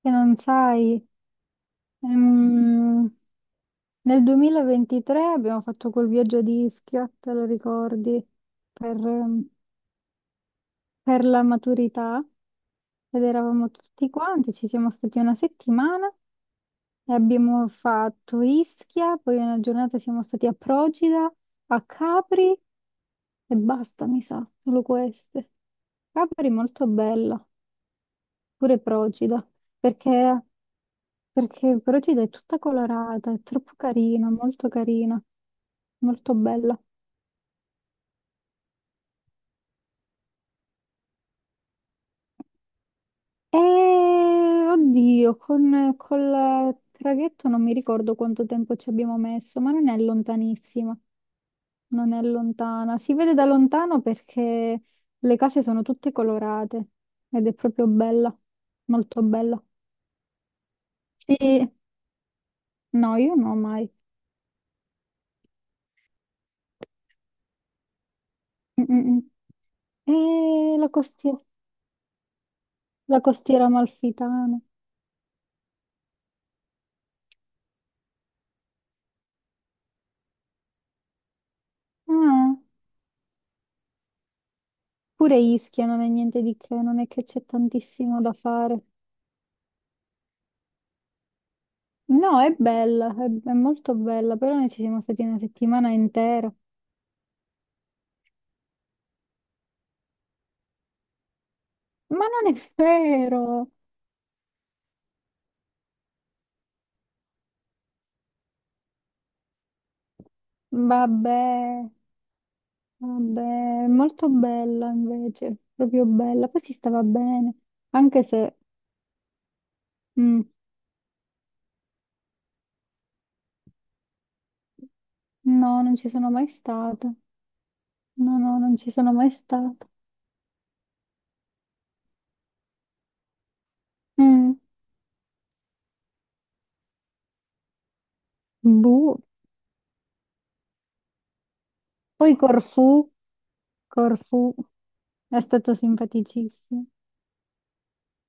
Che non sai, ehm, nel 2023 abbiamo fatto quel viaggio di Ischia, te lo ricordi, per, ehm, per la maturità, ed eravamo tutti quanti, ci siamo stati 1 settimana e abbiamo fatto Ischia, poi una giornata siamo stati a Procida, a Capri e basta, mi sa, solo queste. Capri molto bella, pure Procida, perché Perché però ci dai tutta colorata, è troppo carina, molto bella. E oddio, col traghetto non mi ricordo quanto tempo ci abbiamo messo, ma non è lontanissima, non è lontana. Si vede da lontano perché le case sono tutte colorate ed è proprio bella, molto bella. Sì, no, io no mai. Mm, mm, mm. E la costiera amalfitana. Ah. Pure Ischia non è niente di che, non è che c'è tantissimo da fare. No, è bella, è molto bella, però noi ci siamo stati 1 settimana intera. Ma non è vero! Vabbè, vabbè, è molto bella invece, proprio bella. Poi si stava bene, anche se mm, no, non ci sono mai stata. No, no, non ci sono mai stata. Mm, boh. Poi Corfù, Corfù è stato simpaticissimo.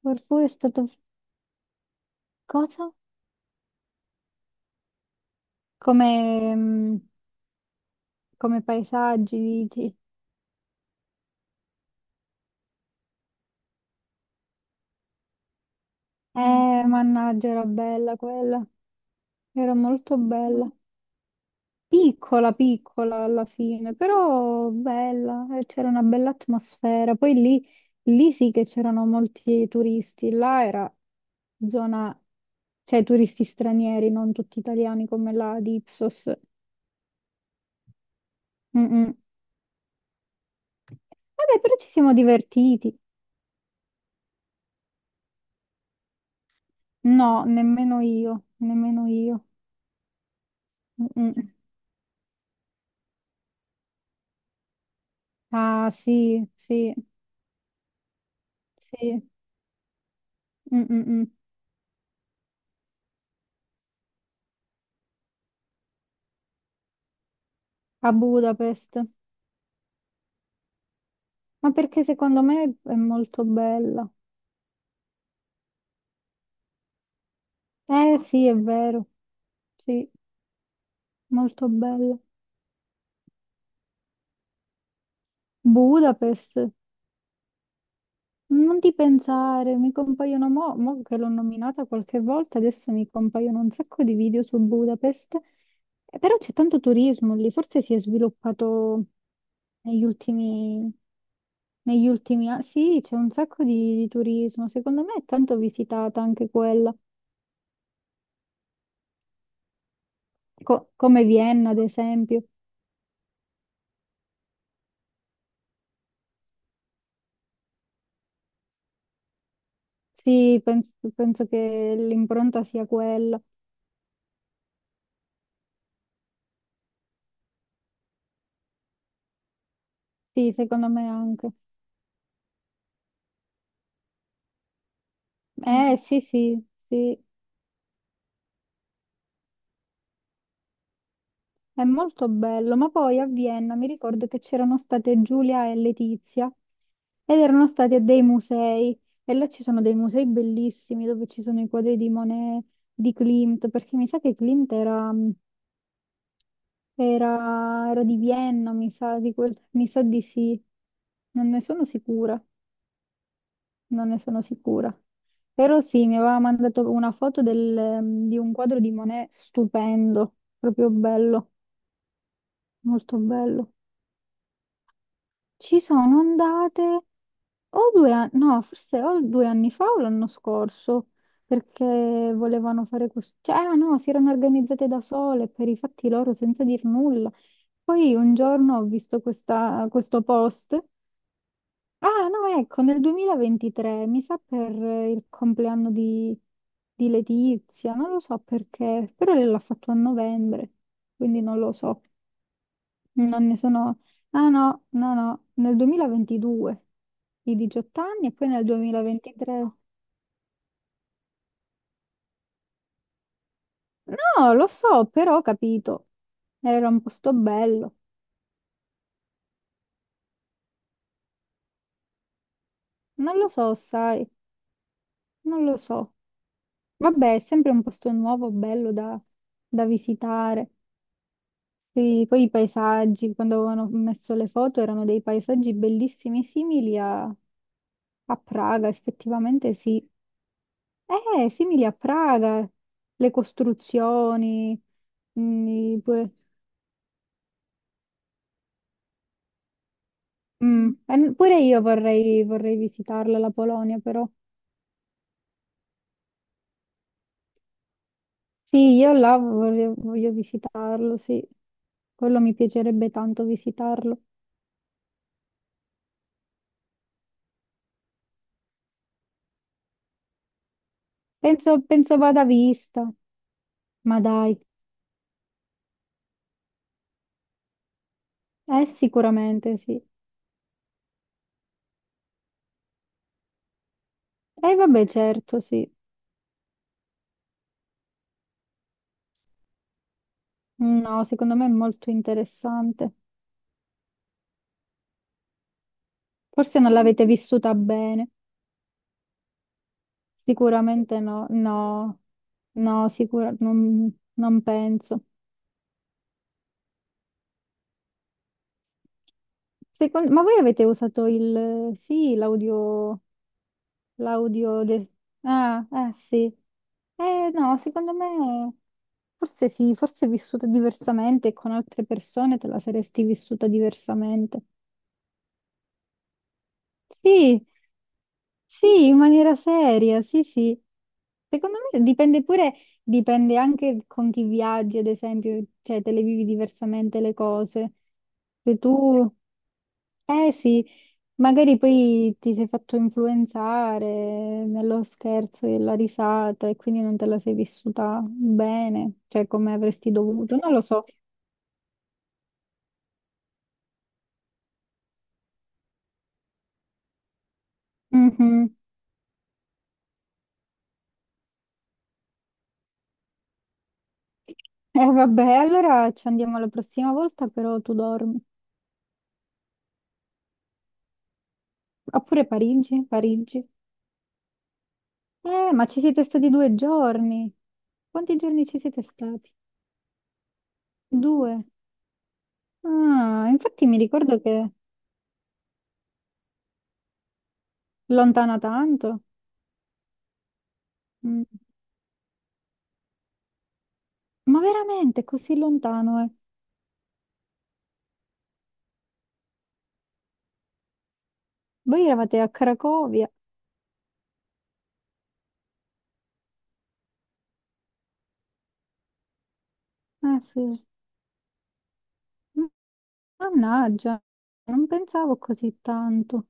Corfù è stato... Cosa? Come, mm, come paesaggi, dici? Mannaggia, era bella quella. Era molto bella. Piccola, piccola alla fine, però bella. C'era una bella atmosfera. Poi lì, lì sì che c'erano molti turisti. Là era zona, cioè turisti stranieri, non tutti italiani come la di Ipsos. Mm-mm. Vabbè, però ci siamo divertiti. No, nemmeno io, nemmeno io. Mm, mm. Ah, sì, sì, sì. Mm, mm, mm. A Budapest. Ma perché secondo me è molto bella. Eh sì, è vero. Sì, molto bella. Budapest. Non ti pensare, mi compaiono mo che l'ho nominata qualche volta, adesso mi compaiono un sacco di video su Budapest. Però c'è tanto turismo lì, forse si è sviluppato negli ultimi, negli ultimi anni. Sì, c'è un sacco di, turismo, secondo me è tanto visitata anche quella, come Vienna ad esempio. Sì, penso, penso che l'impronta sia quella. Sì, secondo me anche. Sì, sì, sì. È molto bello, ma poi a Vienna mi ricordo che c'erano state Giulia e Letizia ed erano stati a dei musei, e là ci sono dei musei bellissimi dove ci sono i quadri di Monet, di Klimt, perché mi sa che Klimt era di Vienna, mi sa di, quel- mi sa di sì, non ne sono sicura, non ne sono sicura. Però sì, mi aveva mandato una foto di un quadro di Monet stupendo, proprio bello, molto bello. Ci sono andate o 2 anni, no, forse o 2 anni fa o l'anno scorso, perché volevano fare questo, cioè, ah, no, si erano organizzate da sole per i fatti loro senza dir nulla. Poi un giorno ho visto questo post. Ah, no, ecco, nel 2023, mi sa per il compleanno di Letizia, non lo so perché, però lei l'ha fatto a novembre, quindi non lo so. Non ne sono... Ah no, no, no, nel 2022, i 18 anni, e poi nel 2023. No, lo so, però ho capito. Era un posto bello. Non lo so, sai, non lo so. Vabbè, è sempre un posto nuovo, bello da, da visitare. Sì, poi i paesaggi, quando avevano messo le foto, erano dei paesaggi bellissimi, simili a, Praga, effettivamente sì. Simili a Praga, le costruzioni, pure, e pure io vorrei visitarla la Polonia, però. Sì, io là voglio visitarlo, sì. Quello mi piacerebbe tanto visitarlo. Penso, penso vada vista, ma dai, sicuramente sì. E vabbè, certo, sì. No, secondo me è molto interessante. Forse non l'avete vissuta bene. Sicuramente no, no, no, non penso. Ma voi avete usato il, sì, l'audio de- Ah, eh sì. Eh no, secondo me forse sì, forse è vissuta diversamente e con altre persone te la saresti vissuta diversamente. Sì, sì, in maniera seria, sì, sì. Secondo me dipende pure, dipende anche con chi viaggi, ad esempio, cioè te le vivi diversamente le cose. Se tu, eh sì, magari poi ti sei fatto influenzare nello scherzo e la risata e quindi non te la sei vissuta bene, cioè come avresti dovuto, non lo so. Mhm. Eh vabbè, allora ci andiamo la prossima volta, però tu dormi. Oppure Parigi, Parigi. Ma ci siete stati 2 giorni. Quanti giorni ci siete stati? Due. Ah, infatti mi ricordo che è lontana tanto. Mm. Ma veramente così lontano, eh? Voi eravate a Cracovia. Eh sì. M- Mannaggia, non pensavo così tanto.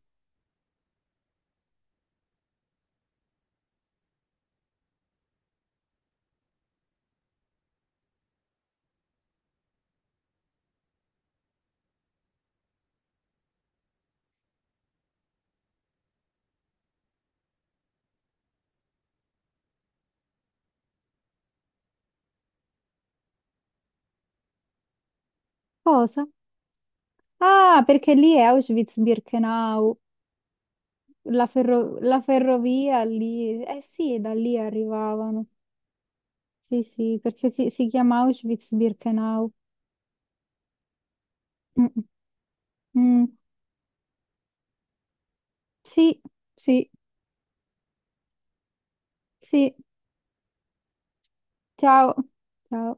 Cosa? Ah, perché lì è Auschwitz-Birkenau, la ferrovia lì. Eh sì, da lì arrivavano. Sì, sì, perché si chiama Auschwitz-Birkenau. Mm, mm. Mm, sì, sì, sì. Ciao. Ciao.